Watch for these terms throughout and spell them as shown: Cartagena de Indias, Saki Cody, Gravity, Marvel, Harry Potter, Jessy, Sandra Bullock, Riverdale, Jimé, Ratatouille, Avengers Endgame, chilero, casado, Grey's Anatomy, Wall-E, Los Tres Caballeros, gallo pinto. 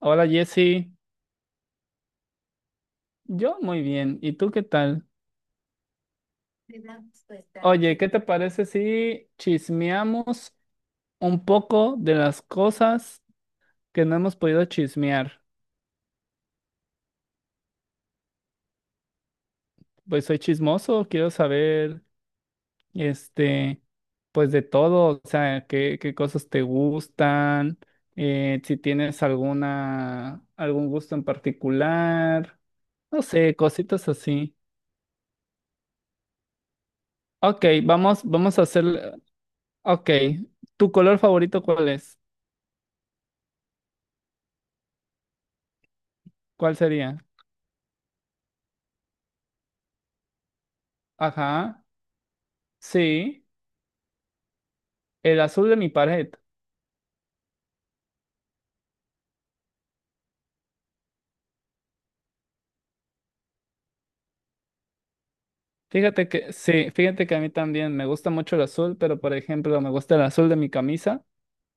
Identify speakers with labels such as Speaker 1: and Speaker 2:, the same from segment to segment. Speaker 1: Hola Jessy, yo muy bien, ¿y tú qué tal? Oye, ¿qué te parece si chismeamos un poco de las cosas que no hemos podido chismear? Pues soy chismoso, quiero saber, este, pues de todo, o sea, qué cosas te gustan, si tienes algún gusto en particular, no sé, cositas así. Ok, vamos a hacer, ok, ¿tu color favorito cuál es? ¿Cuál sería? Ajá, sí, el azul de mi pared. Fíjate que a mí también me gusta mucho el azul, pero por ejemplo, me gusta el azul de mi camisa,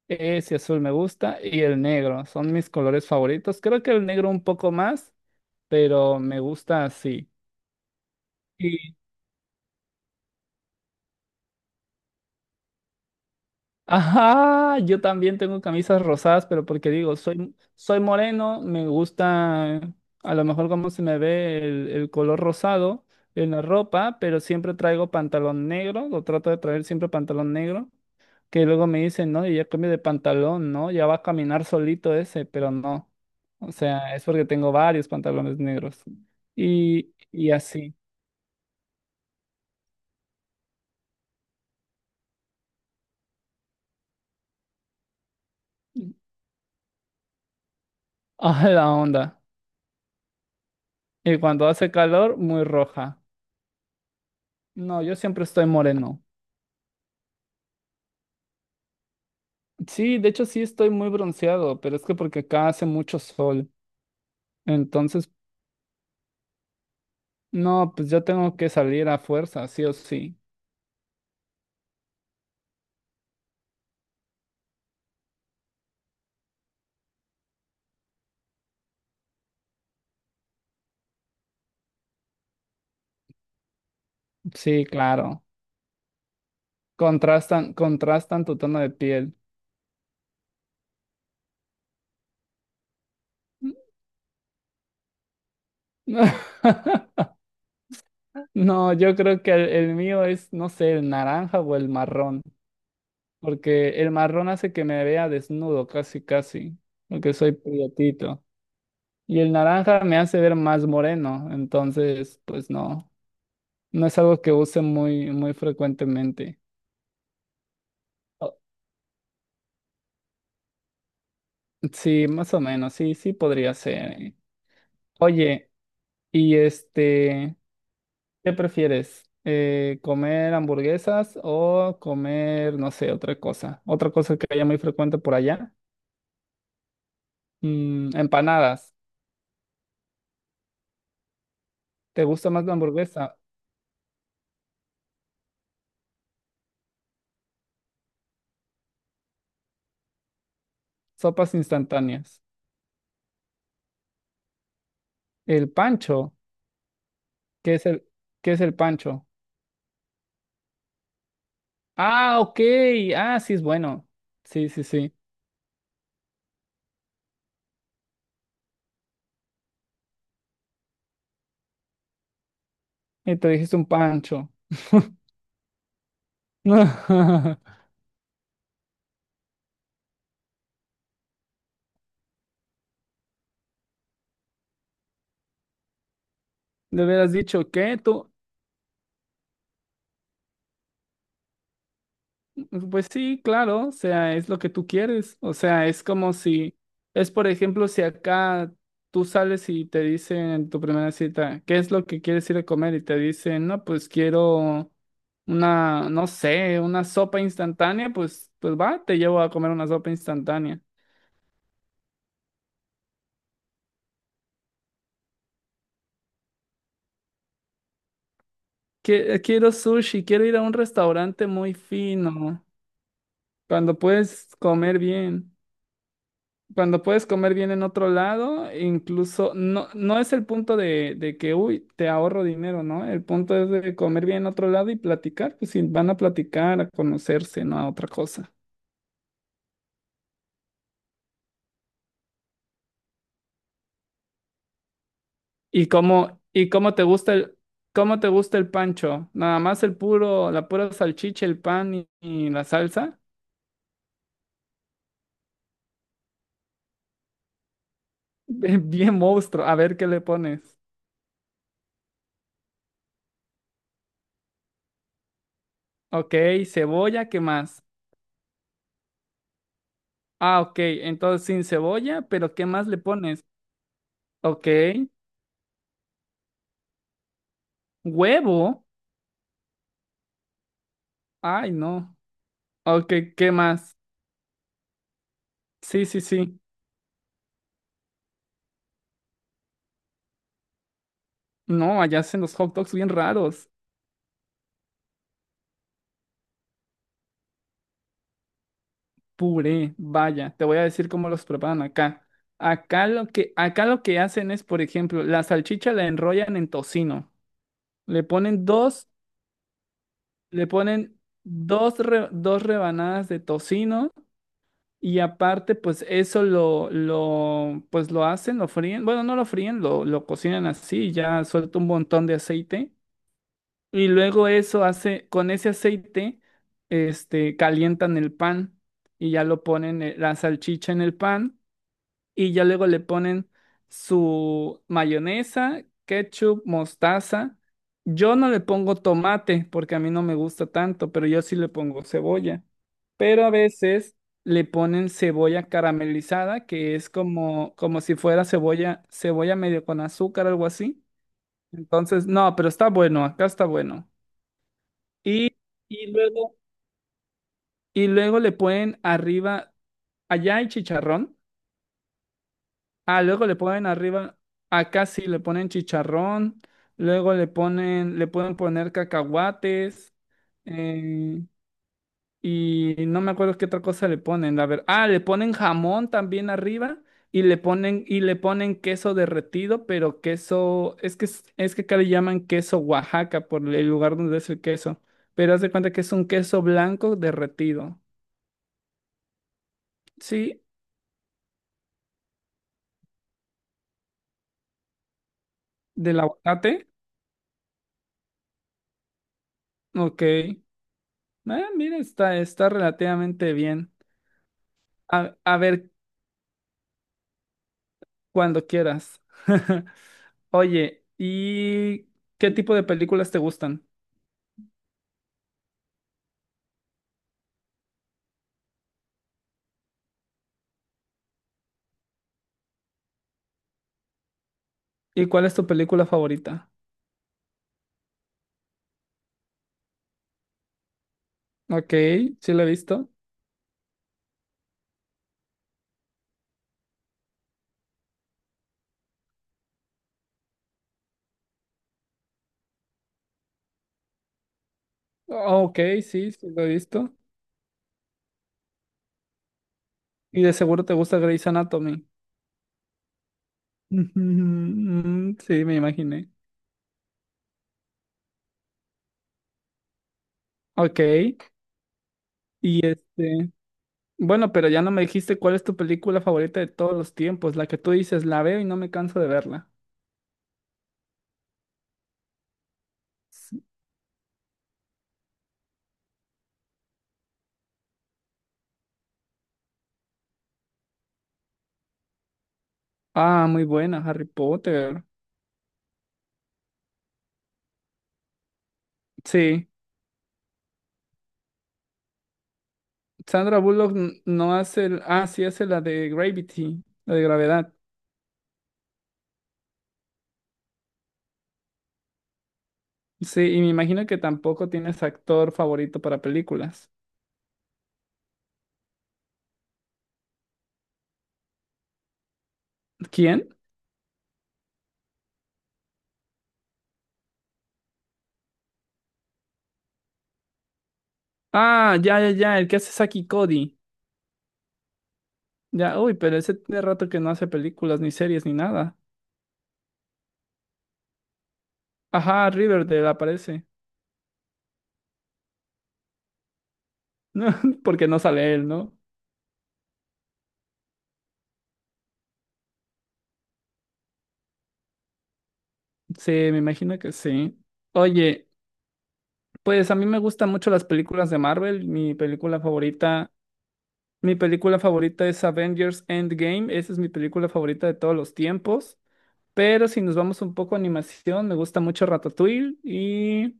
Speaker 1: ese azul me gusta, y el negro, son mis colores favoritos. Creo que el negro un poco más, pero me gusta así. Ajá, yo también tengo camisas rosadas, pero porque digo, soy moreno, me gusta a lo mejor cómo se me ve el color rosado en la ropa, pero siempre traigo pantalón negro, lo trato de traer siempre pantalón negro, que luego me dicen, no, y ya cambio de pantalón, ¿no? Ya va a caminar solito ese, pero no. O sea, es porque tengo varios pantalones negros. Y así. A la onda. Y cuando hace calor, muy roja. No, yo siempre estoy moreno. Sí, de hecho sí estoy muy bronceado, pero es que porque acá hace mucho sol. Entonces, no, pues yo tengo que salir a fuerza, sí o sí. Sí, claro. Contrastan, contrastan tu tono de piel. No, yo creo que el mío es, no sé, el naranja o el marrón, porque el marrón hace que me vea desnudo casi, porque soy prietito. Y el naranja me hace ver más moreno, entonces, pues no, no es algo que use muy frecuentemente. Oh, sí, más o menos, sí podría ser. Oye, y este, ¿qué prefieres? ¿Comer hamburguesas o comer, no sé, otra cosa? Otra cosa que haya muy frecuente por allá. Mm, empanadas. ¿Te gusta más la hamburguesa? Sopas instantáneas. El pancho. ¿Qué es qué es el pancho? Ah, ok. Ah, sí es bueno. Sí, sí, sí. Y te dijiste un pancho. Le hubieras dicho, ¿qué? ¿Tú? Pues sí, claro, o sea, es lo que tú quieres. O sea, es como si, es por ejemplo, si acá tú sales y te dicen en tu primera cita, ¿qué es lo que quieres ir a comer? Y te dicen, no, pues quiero una, no sé, una sopa instantánea, pues, pues va, te llevo a comer una sopa instantánea. Que- quiero sushi, quiero ir a un restaurante muy fino, cuando puedes comer bien. Cuando puedes comer bien en otro lado, incluso no, no es el punto de que, uy, te ahorro dinero, ¿no? El punto es de comer bien en otro lado y platicar, pues si van a platicar, a conocerse, no a otra cosa. Y cómo te gusta el, cómo te gusta el pancho? Nada más el puro, la pura salchicha, el pan y la salsa. Bien monstruo, a ver qué le pones. Ok, cebolla, ¿qué más? Ah, ok, entonces sin cebolla, pero ¿qué más le pones? Ok, huevo. Ay, no. Ok, ¿qué más? Sí, sí, sí. No, allá hacen los hot dogs bien raros. Puré, vaya, te voy a decir cómo los preparan acá. Acá lo acá lo que hacen es, por ejemplo, la salchicha la enrollan en tocino. Le ponen le ponen dos rebanadas de tocino y aparte, pues eso pues lo hacen, lo fríen. Bueno, no lo fríen, lo cocinan así, ya suelta un montón de aceite. Y luego eso hace, con ese aceite, calientan el pan y ya lo ponen la salchicha en el pan y ya luego le ponen su mayonesa, ketchup, mostaza. Yo no le pongo tomate porque a mí no me gusta tanto, pero yo sí le pongo cebolla. Pero a veces le ponen cebolla caramelizada, que es como, como si fuera cebolla medio con azúcar, algo así. Entonces, no, pero está bueno, acá está bueno. Y, y luego, y luego le ponen arriba, allá hay chicharrón. Ah, luego le ponen arriba, acá sí le ponen chicharrón. Luego le ponen, le pueden poner cacahuates. Eh, y no me acuerdo qué otra cosa le ponen. A ver, ah, le ponen jamón también arriba. Y le ponen queso derretido, pero queso, es que acá le llaman queso Oaxaca por el lugar donde es el queso. Pero haz de cuenta que es un queso blanco derretido. Sí, ¿del aguacate? Ok. Ah, mira, está relativamente bien. A ver cuando quieras. Oye, ¿y qué tipo de películas te gustan? ¿Y cuál es tu película favorita? Ok, sí la he visto. Oh, ok, sí, sí lo he visto. Y de seguro te gusta Grey's Anatomy. Mm, sí, me imaginé. Ok, y este, bueno, pero ya no me dijiste cuál es tu película favorita de todos los tiempos, la que tú dices, la veo y no me canso de verla. Sí. Ah, muy buena, Harry Potter. Sí, Sandra Bullock n- no hace, el- ah, sí hace la de Gravity, la de gravedad. Sí, y me imagino que tampoco tienes actor favorito para películas. ¿Quién? Ah, ya, ya, ya, el que hace Saki Cody. Ya, uy, pero ese tiene rato que no hace películas, ni series, ni nada. Ajá, Riverdale aparece. No, porque no sale él, ¿no? Sí, me imagino que sí. Oye, pues a mí me gustan mucho las películas de Marvel. Mi película favorita es Avengers Endgame. Esa es mi película favorita de todos los tiempos. Pero si nos vamos un poco a animación, me gusta mucho Ratatouille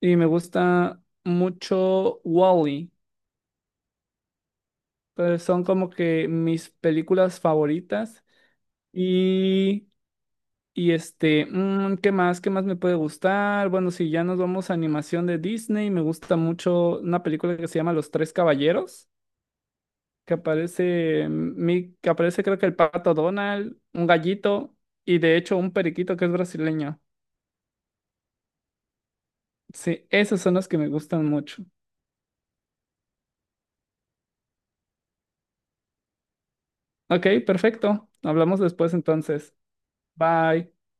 Speaker 1: y me gusta mucho Wall-E. Pues son como que mis películas favoritas. Y y este, mm, ¿qué más? ¿Qué más me puede gustar? Bueno, si ya nos vamos a animación de Disney, me gusta mucho una película que se llama Los Tres Caballeros, que aparece, que aparece creo que el pato Donald, un gallito y de hecho un periquito que es brasileño. Sí, esos son los que me gustan mucho. Ok, perfecto. Hablamos después entonces. Bye.